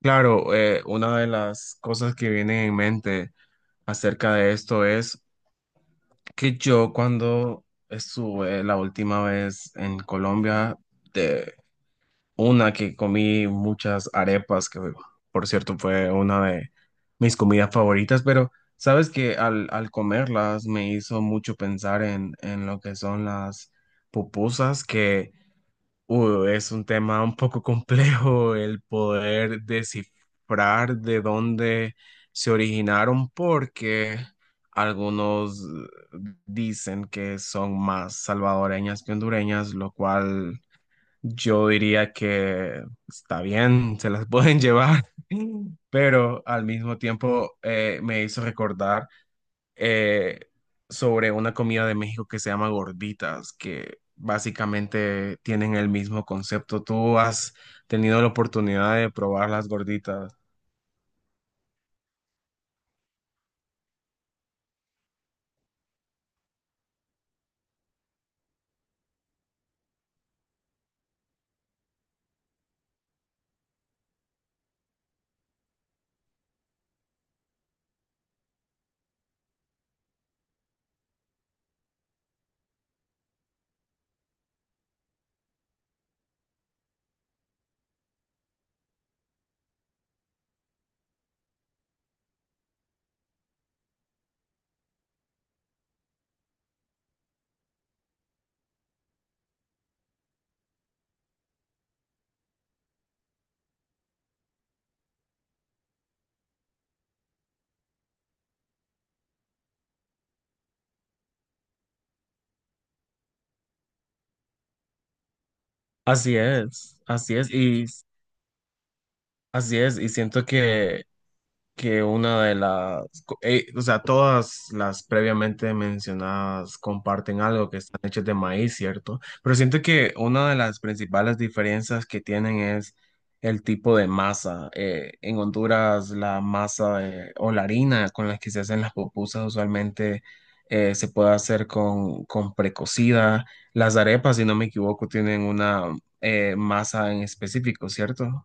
Claro, una de las cosas que viene en mente acerca de esto es que yo cuando estuve la última vez en Colombia, de una que comí muchas arepas, que por cierto fue una de mis comidas favoritas, pero sabes que al comerlas me hizo mucho pensar en lo que son las pupusas, que es un tema un poco complejo el poder descifrar de dónde se originaron porque algunos dicen que son más salvadoreñas que hondureñas, lo cual yo diría que está bien, se las pueden llevar, pero al mismo tiempo me hizo recordar eh, sobre una comida de México que se llama gorditas, que básicamente tienen el mismo concepto. ¿Tú has tenido la oportunidad de probar las gorditas? Así es, así es, y así es, y siento que una de las, o sea, todas las previamente mencionadas comparten algo que están hechas de maíz, ¿cierto? Pero siento que una de las principales diferencias que tienen es el tipo de masa. En Honduras, la o la harina con la que se hacen las pupusas usualmente se puede hacer con precocida. Las arepas, si no me equivoco, tienen una masa en específico, ¿cierto?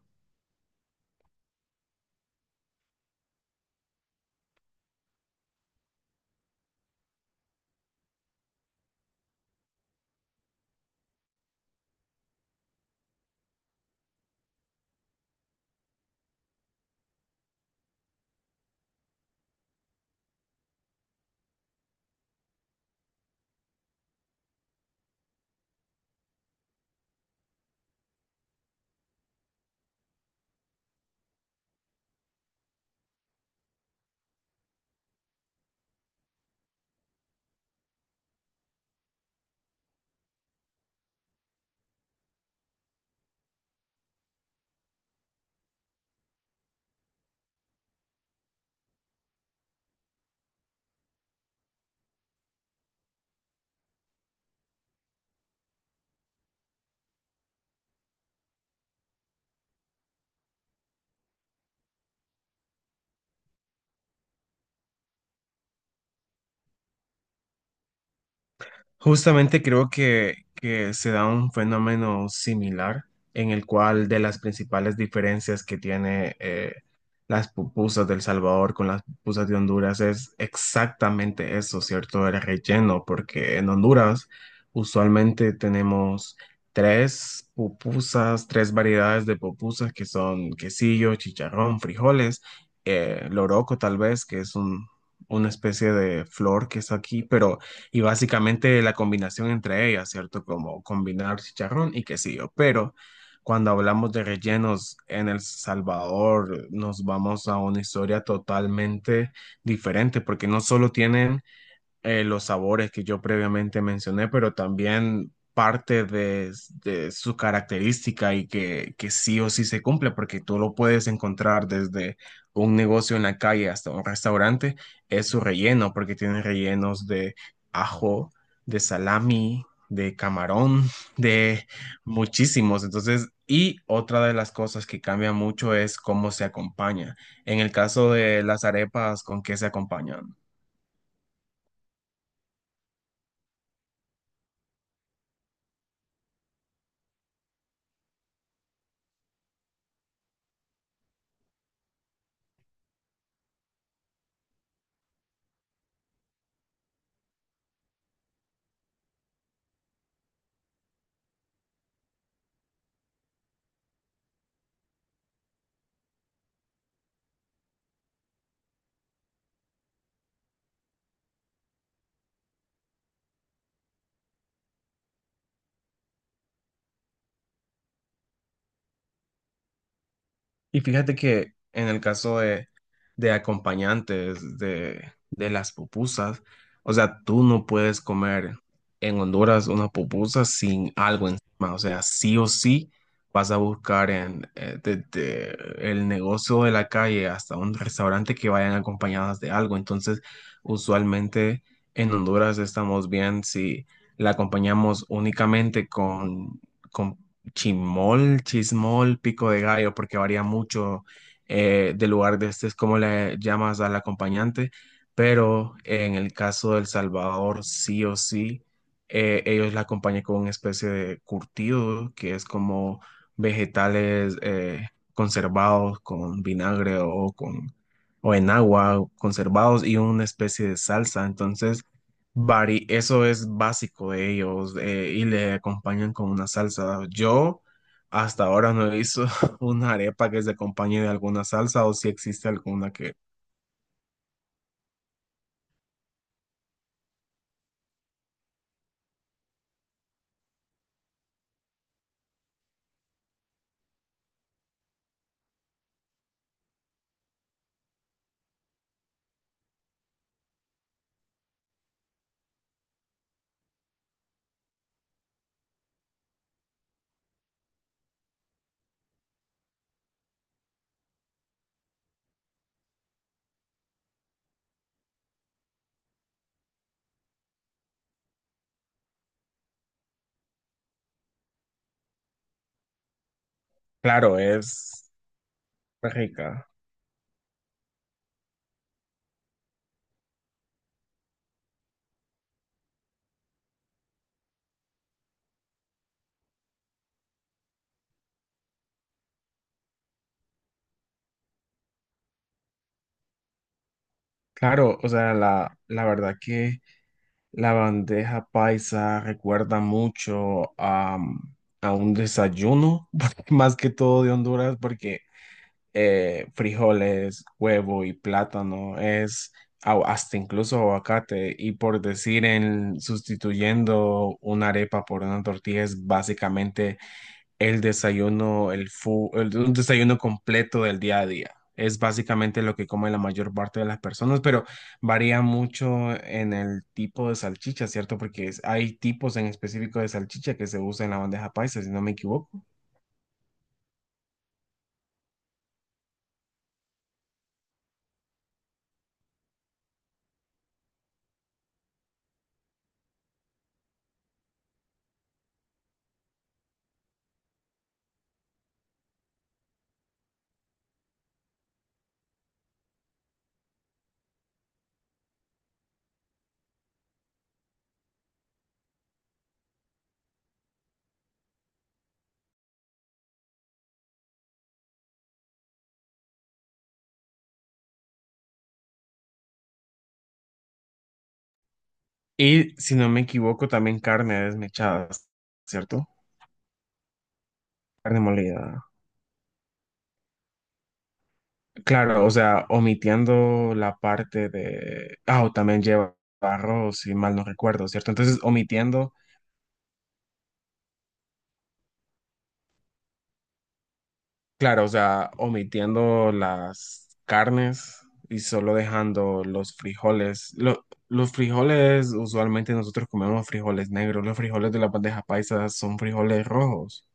Justamente creo que se da un fenómeno similar en el cual de las principales diferencias que tiene las pupusas del Salvador con las pupusas de Honduras es exactamente eso, ¿cierto? El relleno, porque en Honduras usualmente tenemos tres pupusas, tres variedades de pupusas que son quesillo, chicharrón, frijoles, loroco tal vez, que es una especie de flor que es aquí, pero y básicamente la combinación entre ellas, ¿cierto? Como combinar chicharrón y quesillo. Pero cuando hablamos de rellenos en El Salvador, nos vamos a una historia totalmente diferente, porque no solo tienen los sabores que yo previamente mencioné, pero también parte de su característica y que sí o sí se cumple, porque tú lo puedes encontrar desde un negocio en la calle hasta un restaurante, es su relleno, porque tiene rellenos de ajo, de salami, de camarón, de muchísimos. Entonces, y otra de las cosas que cambia mucho es cómo se acompaña. En el caso de las arepas, ¿con qué se acompañan? Y fíjate que en el caso de acompañantes de las pupusas, o sea, tú no puedes comer en Honduras una pupusa sin algo encima. O sea, sí o sí vas a buscar en, desde el negocio de la calle hasta un restaurante que vayan acompañadas de algo. Entonces, usualmente en Honduras estamos bien si la acompañamos únicamente con chimol, chismol, pico de gallo, porque varía mucho del lugar de este, es como le llamas al acompañante, pero en el caso del Salvador, sí o sí, ellos la acompañan con una especie de curtido, que es como vegetales conservados con vinagre o con o en agua conservados y una especie de salsa. Entonces, Bari, eso es básico de ellos y le acompañan con una salsa. Yo hasta ahora no he visto una arepa que se acompañe de alguna salsa o si existe alguna que, claro, es rica. Claro, o sea, la verdad que la bandeja paisa recuerda mucho a un desayuno, más que todo de Honduras, porque frijoles, huevo y plátano, es hasta incluso aguacate. Y por decir en sustituyendo una arepa por una tortilla es básicamente el desayuno, un desayuno completo del día a día. Es básicamente lo que come la mayor parte de las personas, pero varía mucho en el tipo de salchicha, ¿cierto? Hay tipos en específico de salchicha que se usa en la bandeja paisa, si no me equivoco. Y si no me equivoco, también carne desmechada, ¿cierto? Carne molida. Claro, o sea, omitiendo la parte de Ah, o también lleva arroz, si mal no recuerdo, ¿cierto? Entonces, omitiendo claro, o sea, omitiendo las carnes y solo dejando los frijoles. Los frijoles, usualmente nosotros comemos frijoles negros. Los frijoles de la bandeja paisa son frijoles rojos.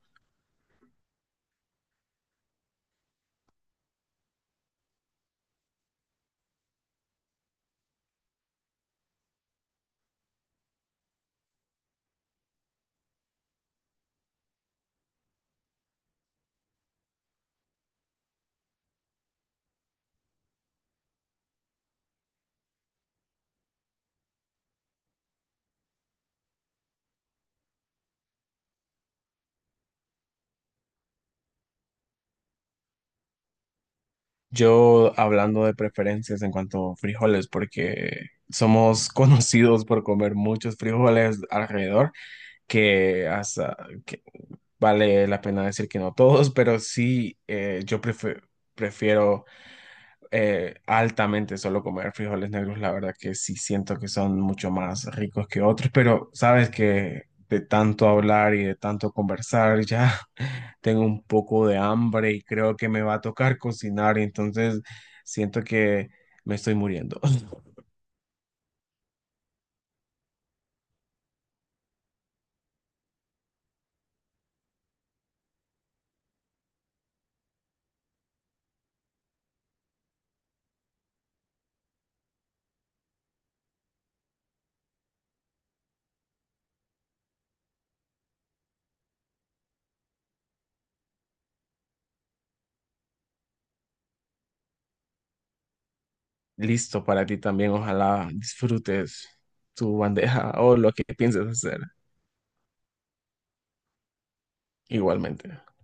Yo hablando de preferencias en cuanto a frijoles, porque somos conocidos por comer muchos frijoles alrededor, que, hasta, que vale la pena decir que no todos, pero sí, prefiero altamente solo comer frijoles negros. La verdad que sí siento que son mucho más ricos que otros, pero sabes que de tanto hablar y de tanto conversar ya tengo un poco de hambre y creo que me va a tocar cocinar, y entonces siento que me estoy muriendo. Listo para ti también, ojalá disfrutes tu bandeja o lo que pienses hacer igualmente.